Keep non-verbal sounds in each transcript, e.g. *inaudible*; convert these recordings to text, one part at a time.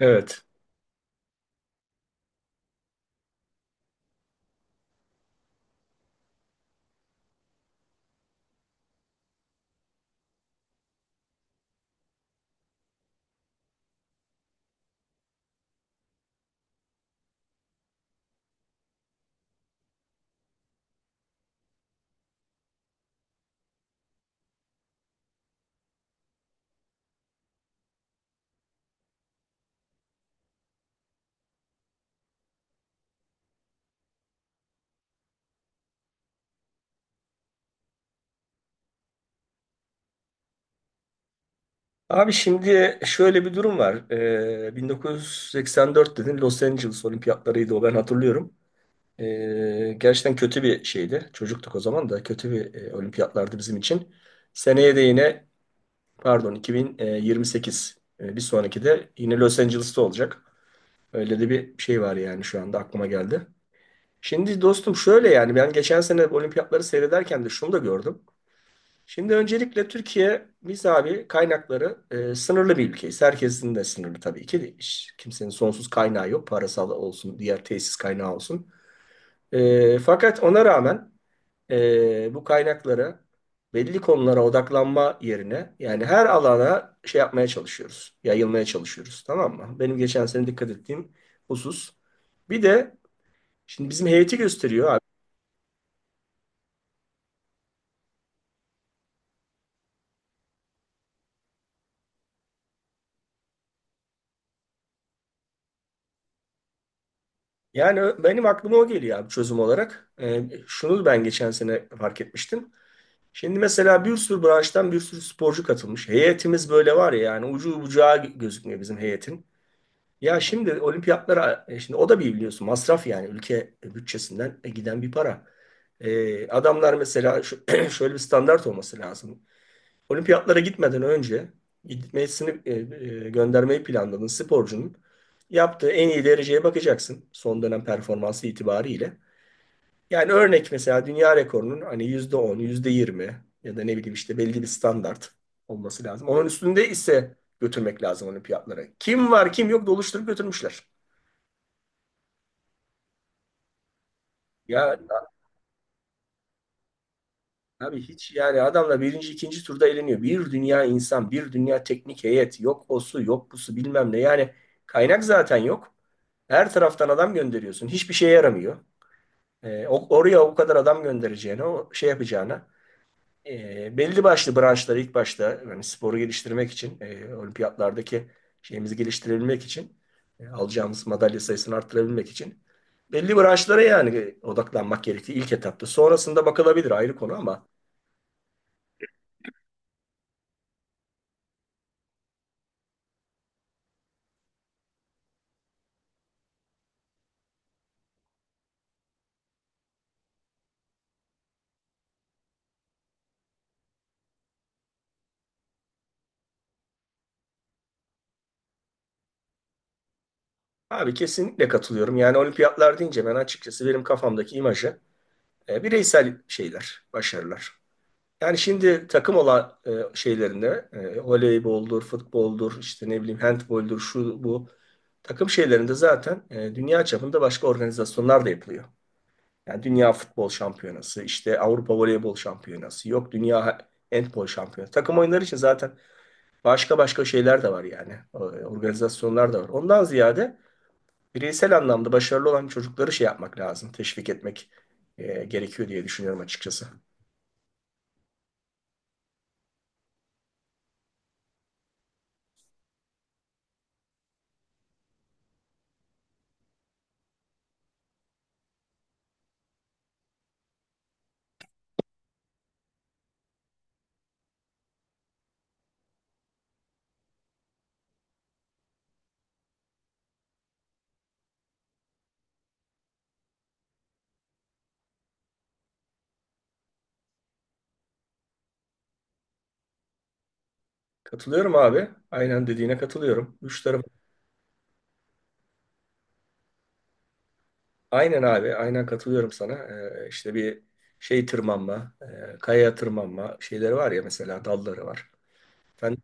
Evet. Abi şimdi şöyle bir durum var. 1984 dedin Los Angeles olimpiyatlarıydı o ben hatırlıyorum. Gerçekten kötü bir şeydi. Çocuktuk o zaman da kötü bir olimpiyatlardı bizim için. Seneye de yine pardon 2028 bir sonraki de yine Los Angeles'ta olacak. Öyle de bir şey var yani şu anda aklıma geldi. Şimdi dostum şöyle yani ben geçen sene olimpiyatları seyrederken de şunu da gördüm. Şimdi öncelikle Türkiye biz abi kaynakları sınırlı bir ülkeyiz. Herkesin de sınırlı tabii ki değil. Hiç kimsenin sonsuz kaynağı yok. Parasal olsun, diğer tesis kaynağı olsun. Fakat ona rağmen bu kaynakları belli konulara odaklanma yerine yani her alana şey yapmaya çalışıyoruz. Yayılmaya çalışıyoruz. Tamam mı? Benim geçen sene dikkat ettiğim husus. Bir de şimdi bizim heyeti gösteriyor abi. Yani benim aklıma o geliyor abi çözüm olarak. Şunu ben geçen sene fark etmiştim. Şimdi mesela bir sürü branştan bir sürü sporcu katılmış. Heyetimiz böyle var ya yani ucu bucağı gözükmüyor bizim heyetin. Ya şimdi olimpiyatlara, şimdi o da bir biliyorsun masraf yani ülke bütçesinden giden bir para. Adamlar mesela *clears throat* şöyle bir standart olması lazım. Olimpiyatlara gitmeden önce gitmesini göndermeyi planladığın sporcunun yaptığı en iyi dereceye bakacaksın son dönem performansı itibariyle. Yani örnek mesela dünya rekorunun hani %10, yüzde yirmi ya da ne bileyim işte belli bir standart olması lazım. Onun üstünde ise götürmek lazım olimpiyatlara. Kim var kim yok doluşturup götürmüşler. Ya abi hiç yani adamla birinci ikinci turda eleniyor. Bir dünya insan, bir dünya teknik heyet. Yok osu, yok bu su bilmem ne. Yani kaynak zaten yok. Her taraftan adam gönderiyorsun. Hiçbir şeye yaramıyor. Oraya o kadar adam göndereceğine, o şey yapacağına. Belli başlı branşları ilk başta yani sporu geliştirmek için, olimpiyatlardaki şeyimizi geliştirebilmek için, alacağımız madalya sayısını arttırabilmek için belli branşlara yani odaklanmak gerektiği ilk etapta. Sonrasında bakılabilir ayrı konu ama abi kesinlikle katılıyorum. Yani olimpiyatlar deyince ben açıkçası benim kafamdaki imajı bireysel şeyler, başarılar. Yani şimdi takım olan şeylerinde voleyboldur, futboldur, işte ne bileyim handboldur, şu bu takım şeylerinde zaten dünya çapında başka organizasyonlar da yapılıyor. Yani Dünya Futbol Şampiyonası, işte Avrupa Voleybol Şampiyonası, yok Dünya Handbol Şampiyonası. Takım oyunları için zaten başka başka şeyler de var yani. Organizasyonlar da var. Ondan ziyade bireysel anlamda başarılı olan çocukları şey yapmak lazım. Teşvik etmek gerekiyor diye düşünüyorum açıkçası. Katılıyorum abi. Aynen dediğine katılıyorum. Üç taraf. Aynen abi. Aynen katılıyorum sana. İşte bir şey tırmanma, kayaya tırmanma şeyleri var ya mesela dalları var. Sen,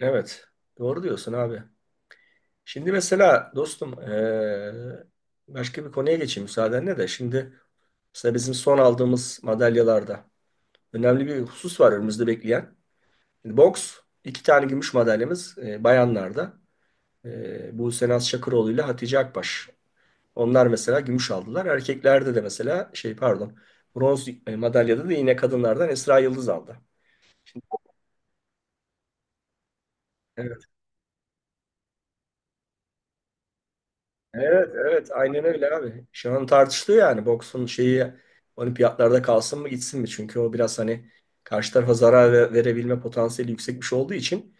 evet. Doğru diyorsun abi. Şimdi mesela dostum başka bir konuya geçeyim müsaadenle de. Şimdi mesela bizim son aldığımız madalyalarda önemli bir husus var önümüzde bekleyen. Şimdi boks iki tane gümüş madalyamız bayanlarda. E, Buse Naz Şakıroğlu ile Hatice Akbaş. Onlar mesela gümüş aldılar. Erkeklerde de mesela şey pardon bronz madalyada da yine kadınlardan Esra Yıldız aldı. Evet. Evet, evet aynen öyle abi. Şu an tartışılıyor yani boksun şeyi olimpiyatlarda kalsın mı gitsin mi? Çünkü o biraz hani karşı tarafa zarar verebilme potansiyeli yüksek bir şey olduğu için.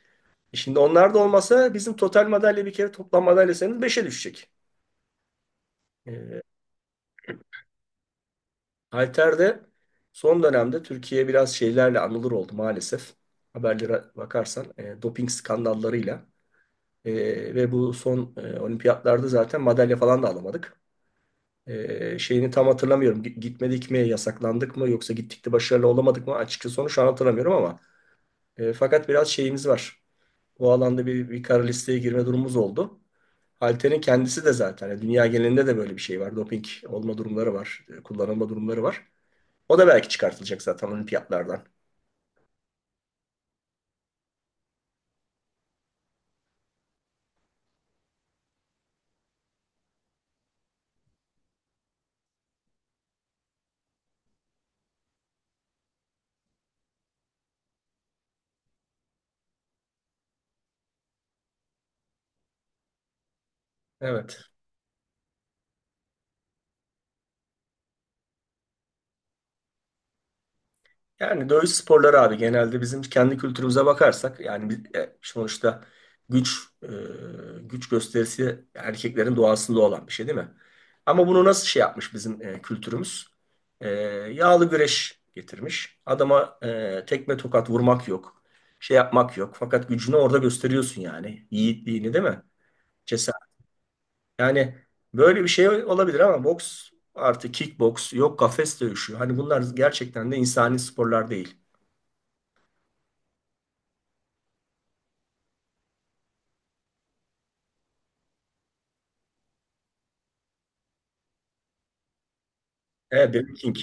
E şimdi onlar da olmasa bizim total madalya bir kere toplam madalya sayımız 5'e düşecek. E, Halter'de son dönemde Türkiye biraz şeylerle anılır oldu maalesef. Haberlere bakarsan doping skandallarıyla. E, Ve bu son olimpiyatlarda zaten madalya falan da alamadık. Şeyini tam hatırlamıyorum. Gitmedik mi, yasaklandık mı yoksa gittik de başarılı olamadık mı? Açıkçası onu şu an hatırlamıyorum ama fakat biraz şeyimiz var. O alanda bir kara listeye girme durumumuz oldu. Halter'in kendisi de zaten yani dünya genelinde de böyle bir şey var. Doping olma durumları var, kullanılma durumları var. O da belki çıkartılacak zaten olimpiyatlardan. Evet. Yani dövüş sporları abi genelde bizim kendi kültürümüze bakarsak yani sonuçta güç güç gösterisi erkeklerin doğasında olan bir şey değil mi? Ama bunu nasıl şey yapmış bizim kültürümüz? E, Yağlı güreş getirmiş. Adama tekme tokat vurmak yok. Şey yapmak yok. Fakat gücünü orada gösteriyorsun yani. Yiğitliğini değil mi? Yani böyle bir şey olabilir ama boks artı kickboks yok kafes dövüşü. Hani bunlar gerçekten de insani sporlar değil. Evet, Derek King.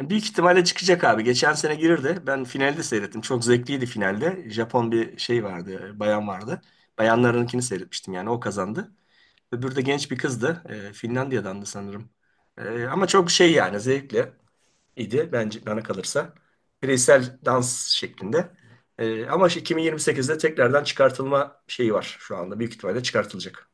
Büyük ihtimalle çıkacak abi. Geçen sene girirdi. Ben finalde seyrettim. Çok zevkliydi finalde. Japon bir şey vardı, bayan vardı. Bayanlarınkini seyretmiştim yani o kazandı. Öbürü de genç bir kızdı. Finlandiya'dandı sanırım. Ama çok şey yani zevkli idi bence bana kalırsa. Bireysel dans şeklinde. Ama işte 2028'de tekrardan çıkartılma şeyi var şu anda. Büyük ihtimalle çıkartılacak.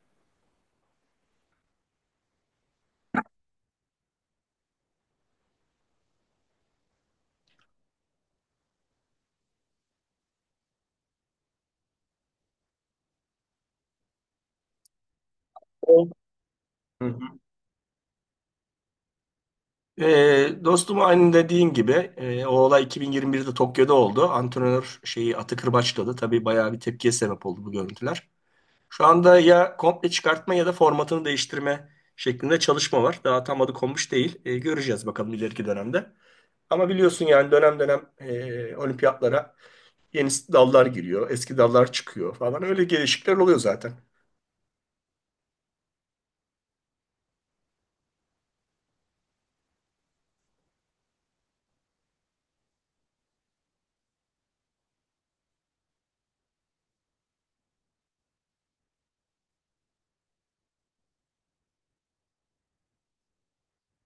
O- Hı hı. Dostum aynı dediğin gibi o olay 2021'de Tokyo'da oldu. Antrenör şeyi atı kırbaçladı. Tabii bayağı bir tepkiye sebep oldu bu görüntüler. Şu anda ya komple çıkartma ya da formatını değiştirme şeklinde çalışma var. Daha tam adı konmuş değil. Göreceğiz bakalım ileriki dönemde. Ama biliyorsun yani dönem dönem olimpiyatlara yeni dallar giriyor, eski dallar çıkıyor falan. Öyle gelişikler oluyor zaten.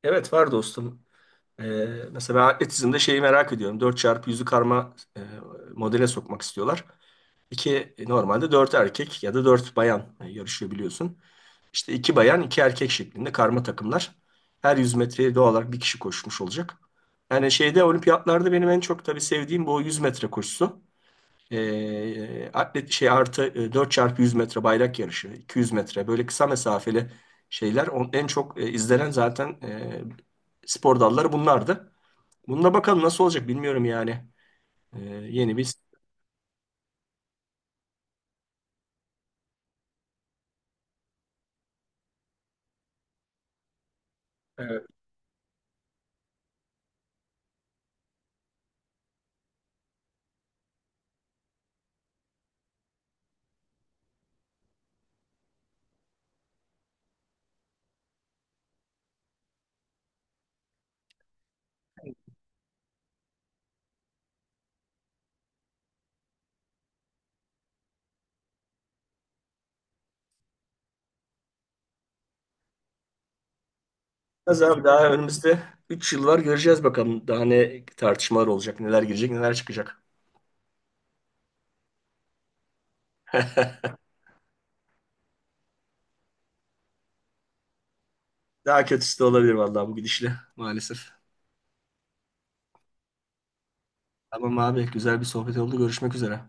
Evet var dostum. Ee, Mesela ben atletizmde şeyi merak ediyorum. Dört çarpı yüzü karma modele sokmak istiyorlar. İki normalde 4 erkek ya da 4 bayan yarışıyor biliyorsun. İşte iki bayan, iki erkek şeklinde karma takımlar. Her 100 metreye doğal olarak bir kişi koşmuş olacak. Yani şeyde olimpiyatlarda benim en çok tabii sevdiğim bu 100 metre koşusu. Atlet şey artı 4 çarpı 100 metre bayrak yarışı, 200 metre böyle kısa mesafeli şeyler on, en çok izlenen zaten spor dalları bunlardı. Bununla bakalım nasıl olacak bilmiyorum yani. E, Yeni bir evet. Az abi daha önümüzde 3 yıl var göreceğiz bakalım daha ne tartışmalar olacak, neler girecek, neler çıkacak. *laughs* Daha kötüsü de olabilir vallahi bu gidişle maalesef. Tamam abi güzel bir sohbet oldu. Görüşmek üzere.